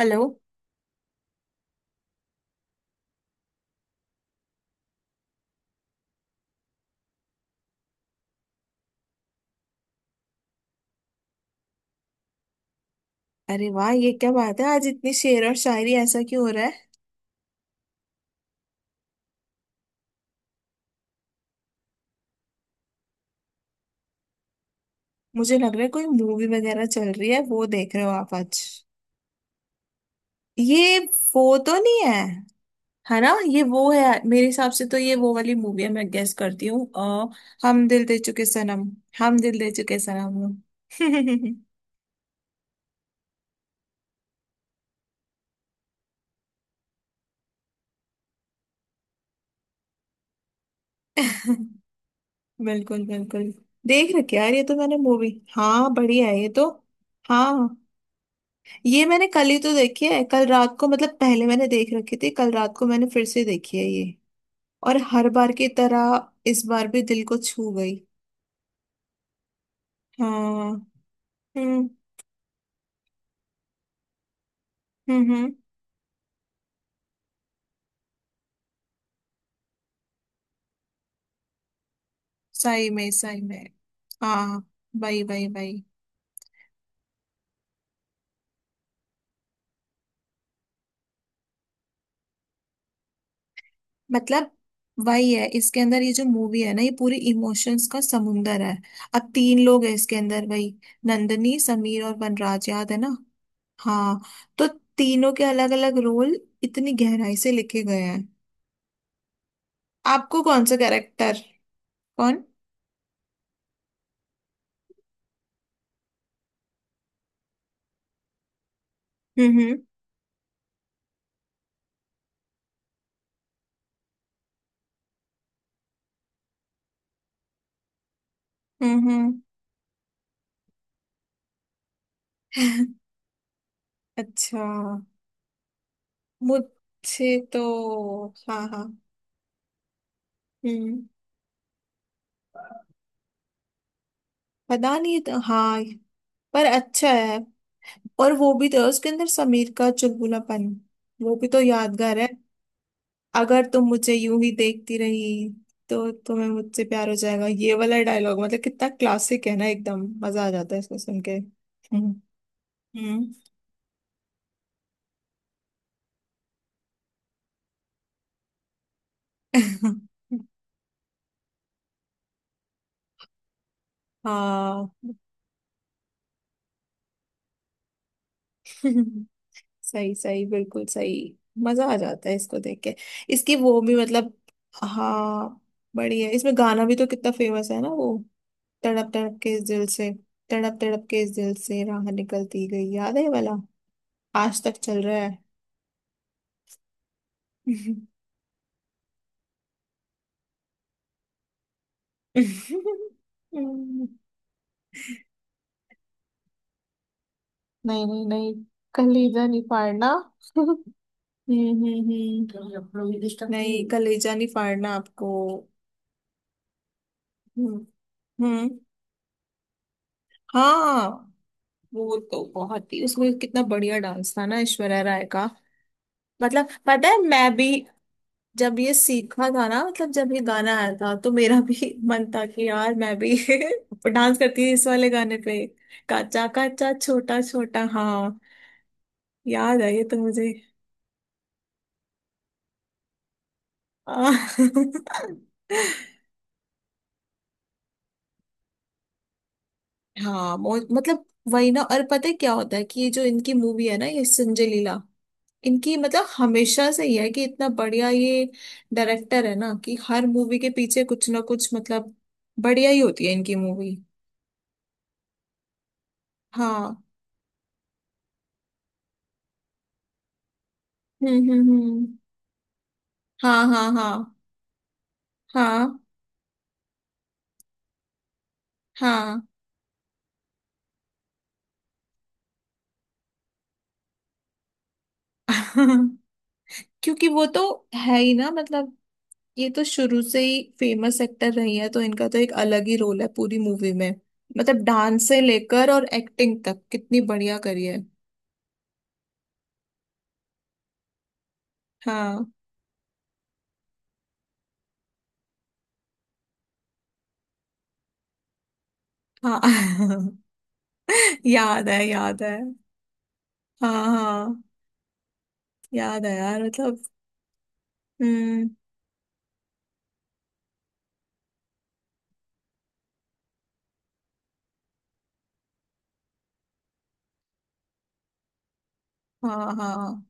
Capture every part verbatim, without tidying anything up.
Hello. अरे वाह, ये क्या बात है, आज इतनी शेर और शायरी, ऐसा क्यों हो रहा है? मुझे लग रहा है कोई मूवी वगैरह चल रही है, वो देख रहे हो आप आज? ये वो तो नहीं है, है ना? ये वो है। मेरे हिसाब से तो ये वो वाली मूवी है, मैं गेस करती हूँ, अ, हम दिल दे चुके सनम। हम दिल दे चुके सनम। बिल्कुल बिल्कुल। देख रखी है यार ये तो मैंने मूवी। हाँ, बढ़िया है ये तो। हाँ, ये मैंने कल ही तो देखी है, कल रात को, मतलब पहले मैंने देख रखी थी, कल रात को मैंने फिर से देखी है ये। और हर बार की तरह इस बार भी दिल को छू गई। हाँ। हम्म। हम्म हम्म, सही में सही में। हाँ, वही वही वही। मतलब वही है इसके अंदर, ये जो मूवी है ना, ये पूरी इमोशंस का समुंदर है। अब तीन लोग हैं इसके अंदर, वही नंदनी, समीर और वनराज, याद है ना? हाँ, तो तीनों के अलग अलग रोल इतनी गहराई से लिखे गए हैं। आपको कौन सा कैरेक्टर? कौन? हम्म हम्म। हम्म। हम्म। अच्छा। मुझसे तो हाँ हाँ। हम्म। पता नहीं, तो हाँ। पर अच्छा है। और वो भी तो, उसके अंदर समीर का चुलबुलापन, वो भी तो यादगार है। अगर तुम मुझे यूं ही देखती रही तो तुम्हें मुझसे प्यार हो जाएगा, ये वाला डायलॉग मतलब कितना क्लासिक है ना, एकदम मजा आ जाता है इसको सुन के। हम्म। हम्म। हाँ। सही सही, बिल्कुल सही। मजा आ जाता है इसको देख के। इसकी वो भी मतलब, हाँ बढ़िया है। इसमें गाना भी तो कितना फेमस है ना वो, तड़प तड़प के इस दिल से। तड़प तड़प के इस दिल से राह निकलती गई, याद है ये वाला? आज तक चल रहा है। हम्म, नहीं नहीं नहीं, कलीजा नहीं फाड़ना। हम्म हम्म हम्म, नहीं कलेजा नहीं फाड़ना आपको। हम्म। हम्म। हाँ, वो तो बहुत ही, उसमें कितना बढ़िया डांस था ना ऐश्वर्या राय का। मतलब पता है, मैं भी जब ये सीखा था ना, मतलब जब ये गाना आया था तो मेरा भी मन था कि यार मैं भी डांस करती थी इस वाले गाने पे। काचा काचा छोटा छोटा, हाँ याद है ये तो मुझे। आ, हाँ मो- मतलब वही ना। और पता है क्या होता है कि ये जो इनकी मूवी है ना, ये संजय लीला, इनकी मतलब हमेशा से ही है कि इतना बढ़िया ये डायरेक्टर है ना, कि हर मूवी के पीछे कुछ ना कुछ मतलब बढ़िया ही होती है इनकी मूवी। हाँ। हम्म हम्म हम्म। हाँ हाँ हाँ। हाँ। हाँ। क्योंकि वो तो है ही ना, मतलब ये तो शुरू से ही फेमस एक्टर रही है, तो इनका तो एक अलग ही रोल है पूरी मूवी में। मतलब डांस से लेकर और एक्टिंग तक कितनी बढ़िया करी है। हाँ हाँ। याद है याद है। हाँ हाँ। याद है यार मतलब। हम्म। हाँ हाँ।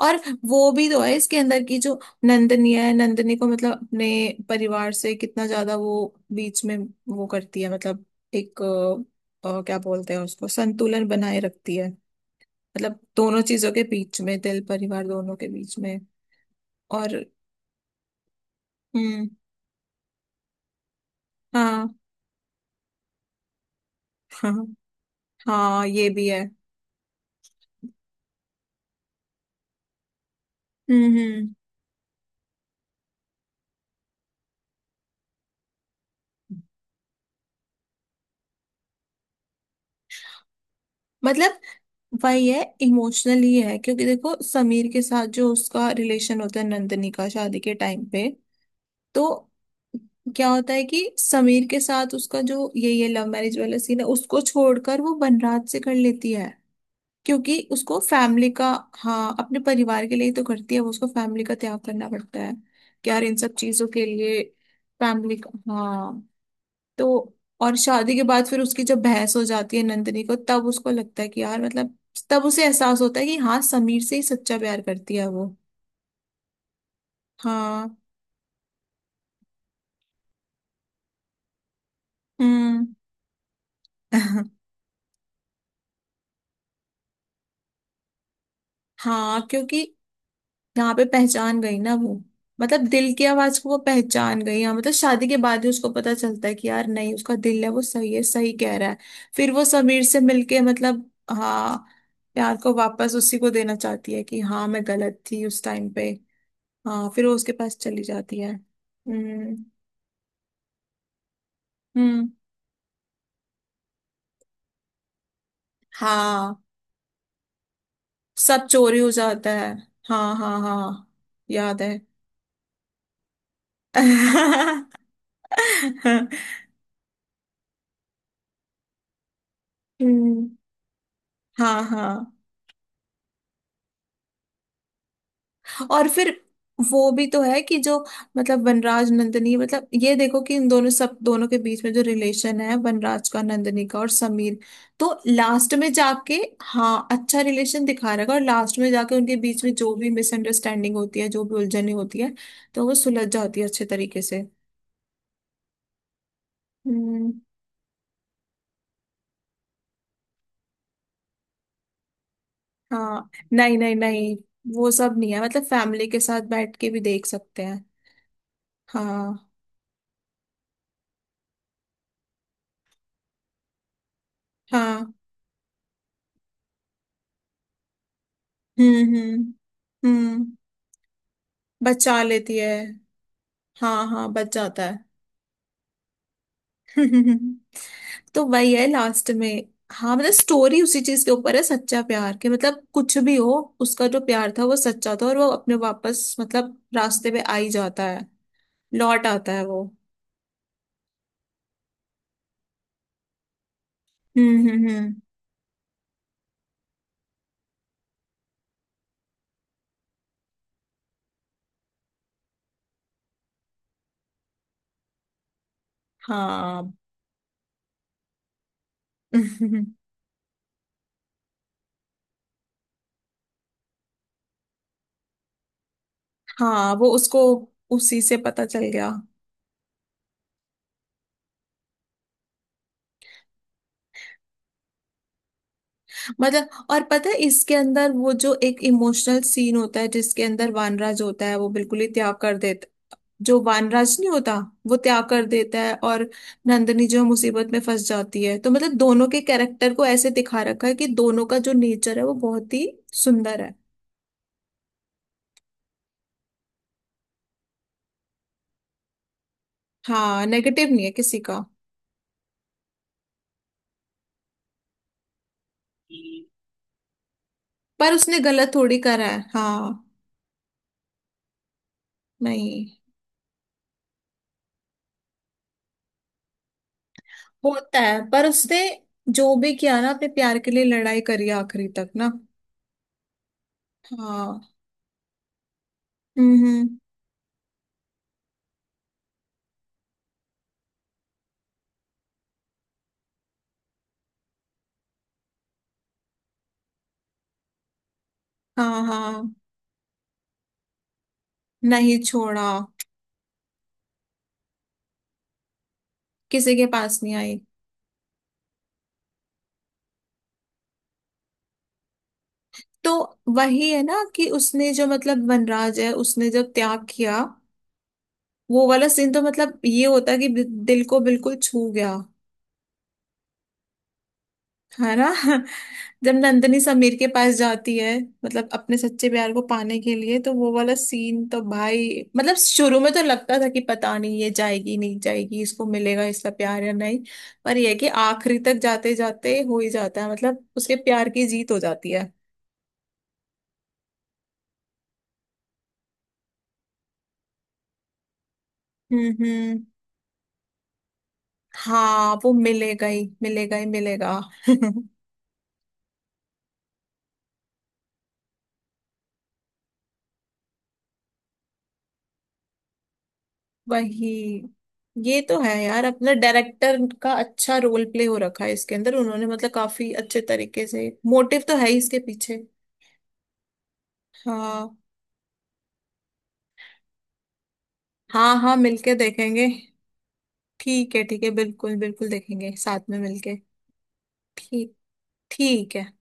और वो भी तो है इसके अंदर की जो नंदनी है, नंदनी को मतलब अपने परिवार से कितना ज्यादा वो, बीच में वो करती है मतलब एक, अ, अ, क्या बोलते हैं उसको, संतुलन बनाए रखती है। मतलब दोनों चीजों के बीच में, दिल, परिवार दोनों के बीच में। और हम्म। हाँ। हाँ, हाँ ये भी है। हम्म हम्म। मतलब वही है, इमोशनल ही है, क्योंकि देखो समीर के साथ जो उसका रिलेशन होता है, नंदनी का शादी के टाइम पे, तो क्या होता है कि समीर के साथ उसका जो ये ये लव मैरिज वाला सीन है, उसको छोड़कर वो बनराज से कर लेती है। क्योंकि उसको फैमिली का, हाँ अपने परिवार के लिए ही तो करती है वो, उसको फैमिली का त्याग करना पड़ता है कि यार इन सब चीजों के लिए फैमिली का, हाँ। तो और शादी के बाद फिर उसकी जब बहस हो जाती है नंदिनी को, तब उसको लगता है कि यार मतलब, तब उसे एहसास होता है कि हाँ समीर से ही सच्चा प्यार करती है वो। हाँ। हम्म। हाँ, क्योंकि यहाँ पे पहचान गई ना वो, मतलब दिल की आवाज को वो पहचान गई, हाँ मतलब शादी के बाद ही उसको पता चलता है कि यार नहीं, उसका दिल है वो सही है, सही कह रहा है। फिर वो समीर से मिलके मतलब, हाँ प्यार को वापस उसी को देना चाहती है कि हाँ मैं गलत थी उस टाइम पे। हाँ, फिर वो उसके पास चली जाती है। हम्म। हम्म। हाँ, सब चोरी हो जाता है। हाँ हाँ हाँ, याद है। हम्म। हाँ हाँ। और फिर वो भी तो है कि जो मतलब वनराज, नंदिनी, मतलब ये देखो कि इन दोनों, सब दोनों के बीच में जो रिलेशन है, वनराज का, नंदिनी का और समीर, तो लास्ट में जाके हाँ अच्छा रिलेशन दिखा रहेगा। और लास्ट में जाके उनके बीच में जो भी मिसअंडरस्टैंडिंग होती है, जो भी उलझने होती है, तो वो सुलझ जाती है अच्छे तरीके से। हम्म। हाँ नहीं नहीं नहीं, वो सब नहीं है, मतलब फैमिली के साथ बैठ के भी देख सकते हैं। हाँ। हाँ। हम्म हम्म हम्म। बचा लेती है। हाँ हाँ बच जाता है। तो वही है लास्ट में। हाँ मतलब स्टोरी उसी चीज के ऊपर है, सच्चा प्यार के, मतलब कुछ भी हो उसका जो प्यार था वो सच्चा था, और वो अपने वापस मतलब रास्ते पे आ ही जाता है, लौट आता है वो। हम्म हम्म हम्म। हाँ। हाँ वो उसको, उसी से पता चल गया। मतलब और पता है इसके अंदर वो जो एक इमोशनल सीन होता है जिसके अंदर वानराज होता है, वो बिल्कुल ही त्याग कर देता है, जो वानराज नहीं होता, वो त्याग कर देता है। और नंदनी जो है मुसीबत में फंस जाती है, तो मतलब दोनों के कैरेक्टर को ऐसे दिखा रखा है कि दोनों का जो नेचर है वो बहुत ही सुंदर है। हाँ, नेगेटिव नहीं है किसी का, पर उसने गलत थोड़ी करा है। हाँ नहीं। होता है, पर उसने जो भी किया ना अपने प्यार के लिए लड़ाई करी है आखिरी तक ना। हाँ। हम्म हम्म, हाँ हाँ नहीं छोड़ा। किसी के पास नहीं आई। तो वही है ना कि उसने जो, मतलब वनराज है उसने जब त्याग किया, वो वाला सीन तो मतलब ये होता कि बि- दिल को बिल्कुल छू गया, है ना? जब नंदनी समीर के पास जाती है मतलब अपने सच्चे प्यार को पाने के लिए, तो वो वाला सीन तो भाई, मतलब शुरू में तो लगता था कि पता नहीं ये जाएगी नहीं जाएगी, इसको मिलेगा इसका प्यार या नहीं, पर ये है कि आखिरी तक जाते जाते हो ही जाता है, मतलब उसके प्यार की जीत हो जाती है। हम्म हम्म। हाँ वो मिलेगा ही, मिलेगा ही, मिलेगा। वही, ये तो है यार अपना डायरेक्टर का अच्छा रोल प्ले हो रखा है इसके अंदर, उन्होंने मतलब काफी अच्छे तरीके से, मोटिव तो है ही इसके पीछे। हाँ हाँ, हाँ मिलके देखेंगे। ठीक है ठीक है, बिल्कुल बिल्कुल देखेंगे साथ में मिलके। ठीक, ठीक है।